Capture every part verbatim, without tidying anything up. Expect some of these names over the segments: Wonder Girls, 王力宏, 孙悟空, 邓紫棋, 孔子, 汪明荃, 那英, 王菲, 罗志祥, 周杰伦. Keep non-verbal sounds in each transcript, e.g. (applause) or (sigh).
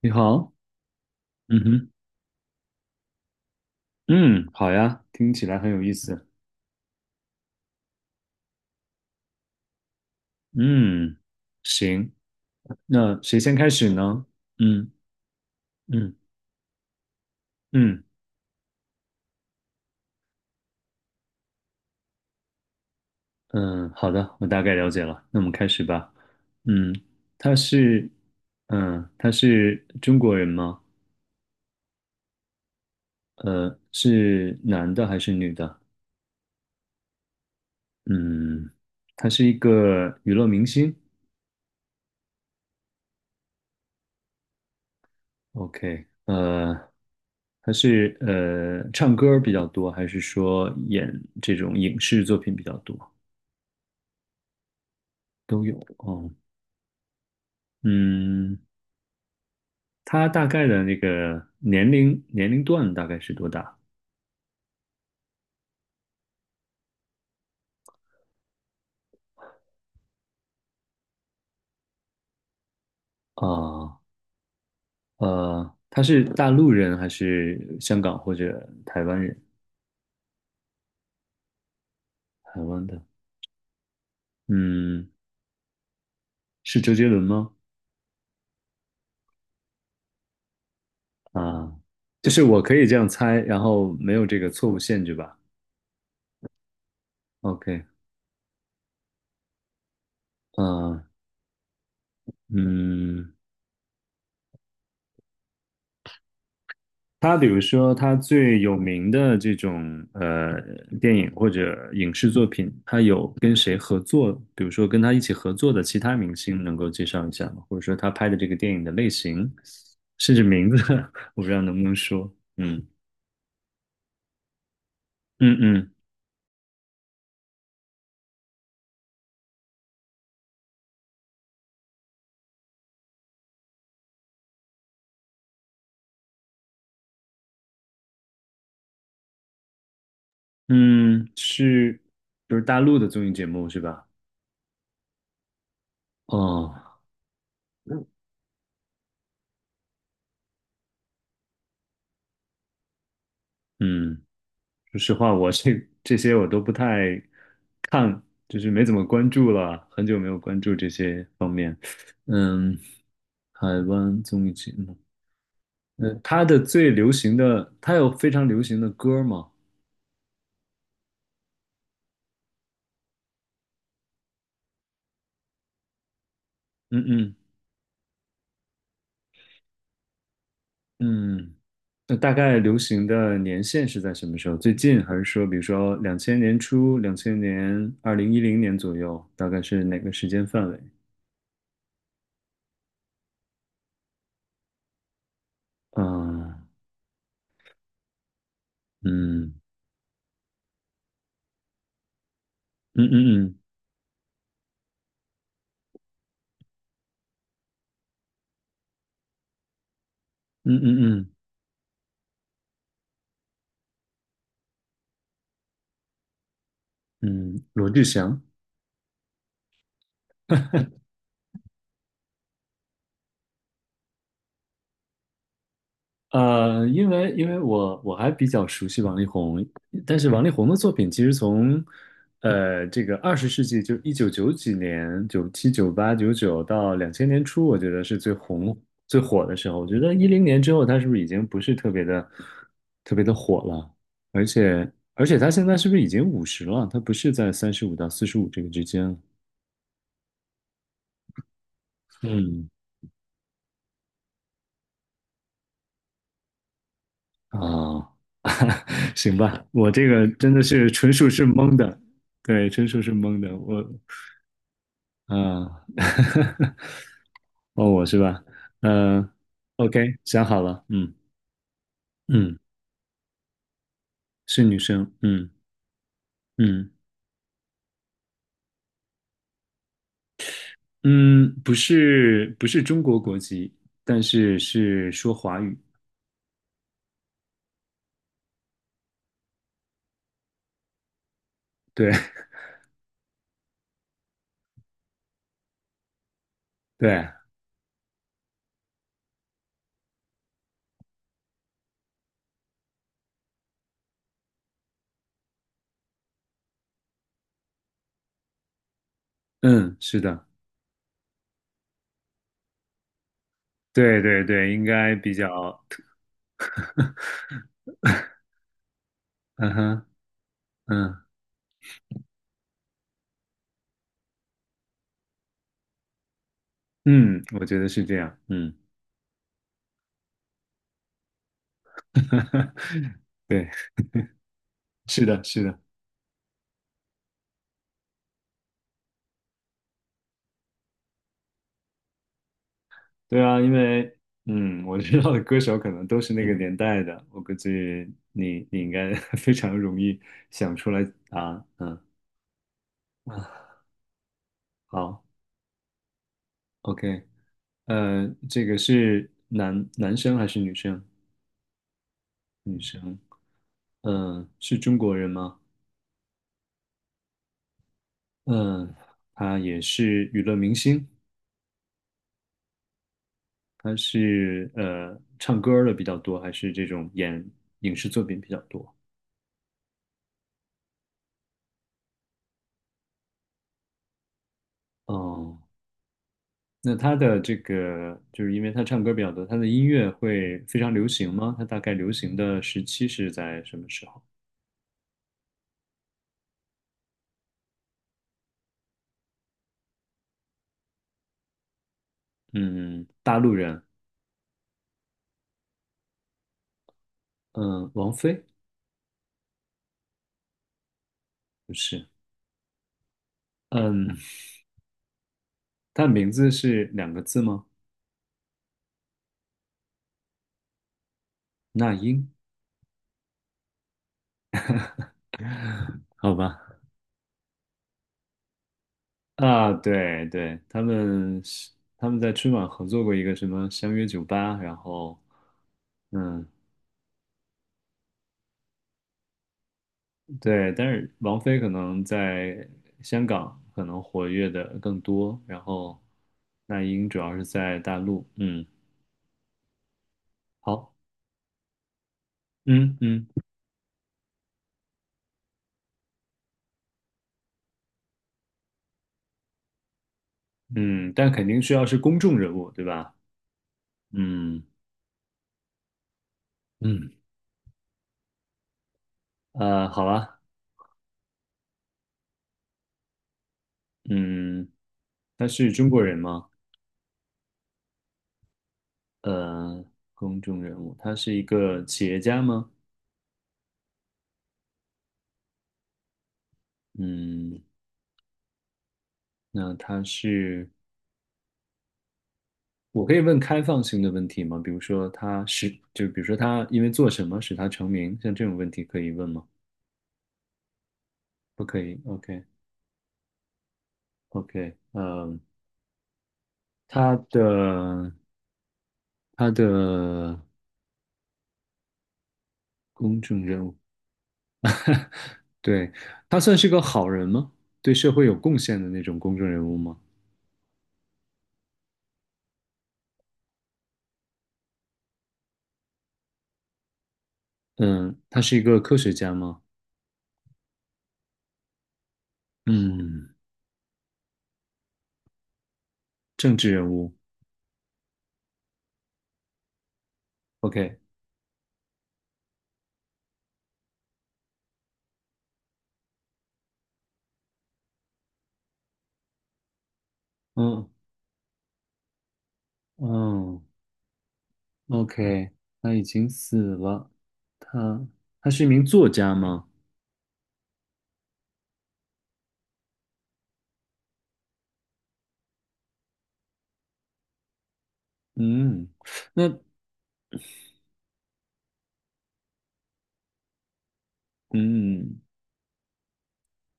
你好，嗯哼，嗯，好呀，听起来很有意思。嗯，行，那谁先开始呢？嗯嗯嗯嗯，好的，我大概了解了，那我们开始吧。嗯，他是，嗯，他是中国人吗？呃，是男的还是女的？嗯，他是一个娱乐明星。OK，呃，他是呃唱歌比较多，还是说演这种影视作品比较多？都有哦。嗯，他大概的那个年龄年龄段大概是多大啊？呃，他是大陆人还是香港或者台湾人？台湾的，嗯，是周杰伦吗？啊，就是我可以这样猜，然后没有这个错误限制吧？OK，嗯、呃嗯。他比如说，他最有名的这种呃电影或者影视作品，他有跟谁合作？比如说跟他一起合作的其他明星，能够介绍一下吗？或者说他拍的这个电影的类型，甚至名字，(laughs) 我不知道能不能说。嗯嗯嗯嗯，是就是大陆的综艺节目是吧？哦，嗯说实话，我这这些我都不太看，就是没怎么关注了，很久没有关注这些方面。嗯，海湾综艺节目，呃，他的最流行的，他有非常流行的歌吗？嗯嗯嗯，那大概流行的年限是在什么时候？最近还是说，比如说两千年初、两千年、二零一零年左右，大概是哪个时间范围？啊，嗯嗯嗯嗯嗯嗯嗯嗯，嗯罗志祥。呃，因为因为我我还比较熟悉王力宏，但是王力宏的作品其实从呃这个二十世纪就一九九几年、九七、九八、九九到两千年初，我觉得是最红最火的时候。我觉得一零年之后，他是不是已经不是特别的特别的火了？而且而且他现在是不是已经五十了？他不是在三十五到四十五这个之间了？嗯啊，行吧，我这个真的是纯属是蒙的，对，纯属是蒙的，我。嗯，(laughs) 哦，我是吧？嗯，OK，想好了，嗯嗯，是女生，嗯嗯嗯，不是不是中国国籍，但是是说华语，对 (laughs) 对，嗯，是的，对对对，应该比较，嗯哼，嗯嗯，我觉得是这样，嗯，(laughs) 对，是的，是的。对啊，因为嗯，我知道的歌手可能都是那个年代的，我估计你你应该 (laughs) 非常容易想出来啊，嗯，好，OK，呃，这个是男男生还是女生？女生，嗯、是中国人吗？嗯、他也是娱乐明星，他是呃唱歌儿的比较多，还是这种演影视作品比较多？哦、那他的这个，就是因为他唱歌比较多，他的音乐会非常流行吗？他大概流行的时期是在什么时候？嗯，大陆人，嗯，王菲不是，嗯，他的名字是两个字吗？那英，好吧，啊，对对，他们是他们在春晚合作过一个什么相约九八，然后嗯，对，但是王菲可能在香港可能活跃的更多，然后那英主要是在大陆。嗯，好，嗯嗯嗯，但肯定需要是公众人物，对吧？嗯嗯，呃，好吧，嗯，他是中国人吗？呃，公众人物，他是一个企业家吗？嗯，那他是。我可以问开放性的问题吗？比如说他是，就比如说他因为做什么使他成名，像这种问题可以问吗？不可以。OK，OK，嗯，他的他的公众人物，对，他算是个好人吗？对社会有贡献的那种公众人物吗？嗯，他是一个科学家吗？嗯，政治人物。OK，嗯嗯，OK，他已经死了。他他是一名作家吗？嗯，那嗯，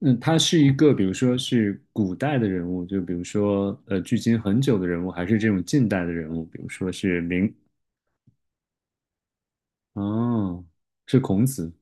那他是一个，比如说是古代的人物，就比如说呃，距今很久的人物，还是这种近代的人物，比如说是明，哦，是孔子，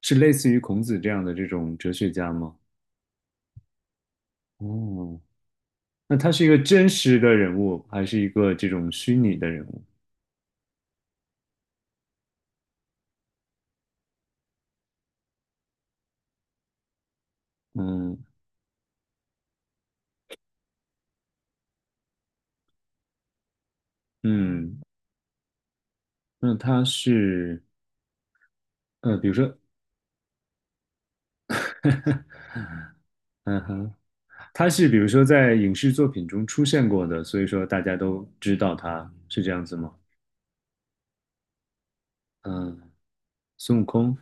是类似于孔子这样的这种哲学家吗？哦，那他是一个真实的人物，还是一个这种虚拟的人物？嗯嗯，那他是呃，比如说，嗯哼。他是比如说在影视作品中出现过的，所以说大家都知道他是这样子吗？嗯，孙悟空，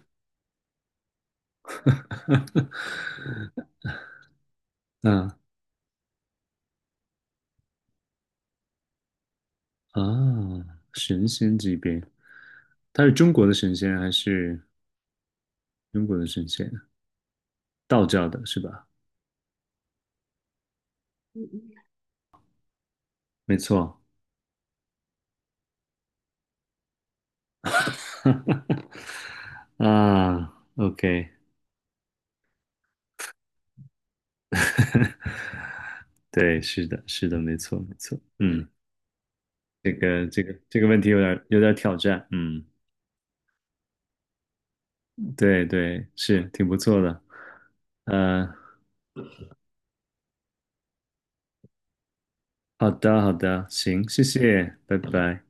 (laughs) 嗯啊，神仙级别，他是中国的神仙还是中国的神仙？道教的是吧？没错啊，OK，对，是的，是的，没错，没错，嗯，这个这个这个问题有点有点挑战，嗯，对对，是挺不错的，呃，好的好的，行，谢谢，拜拜。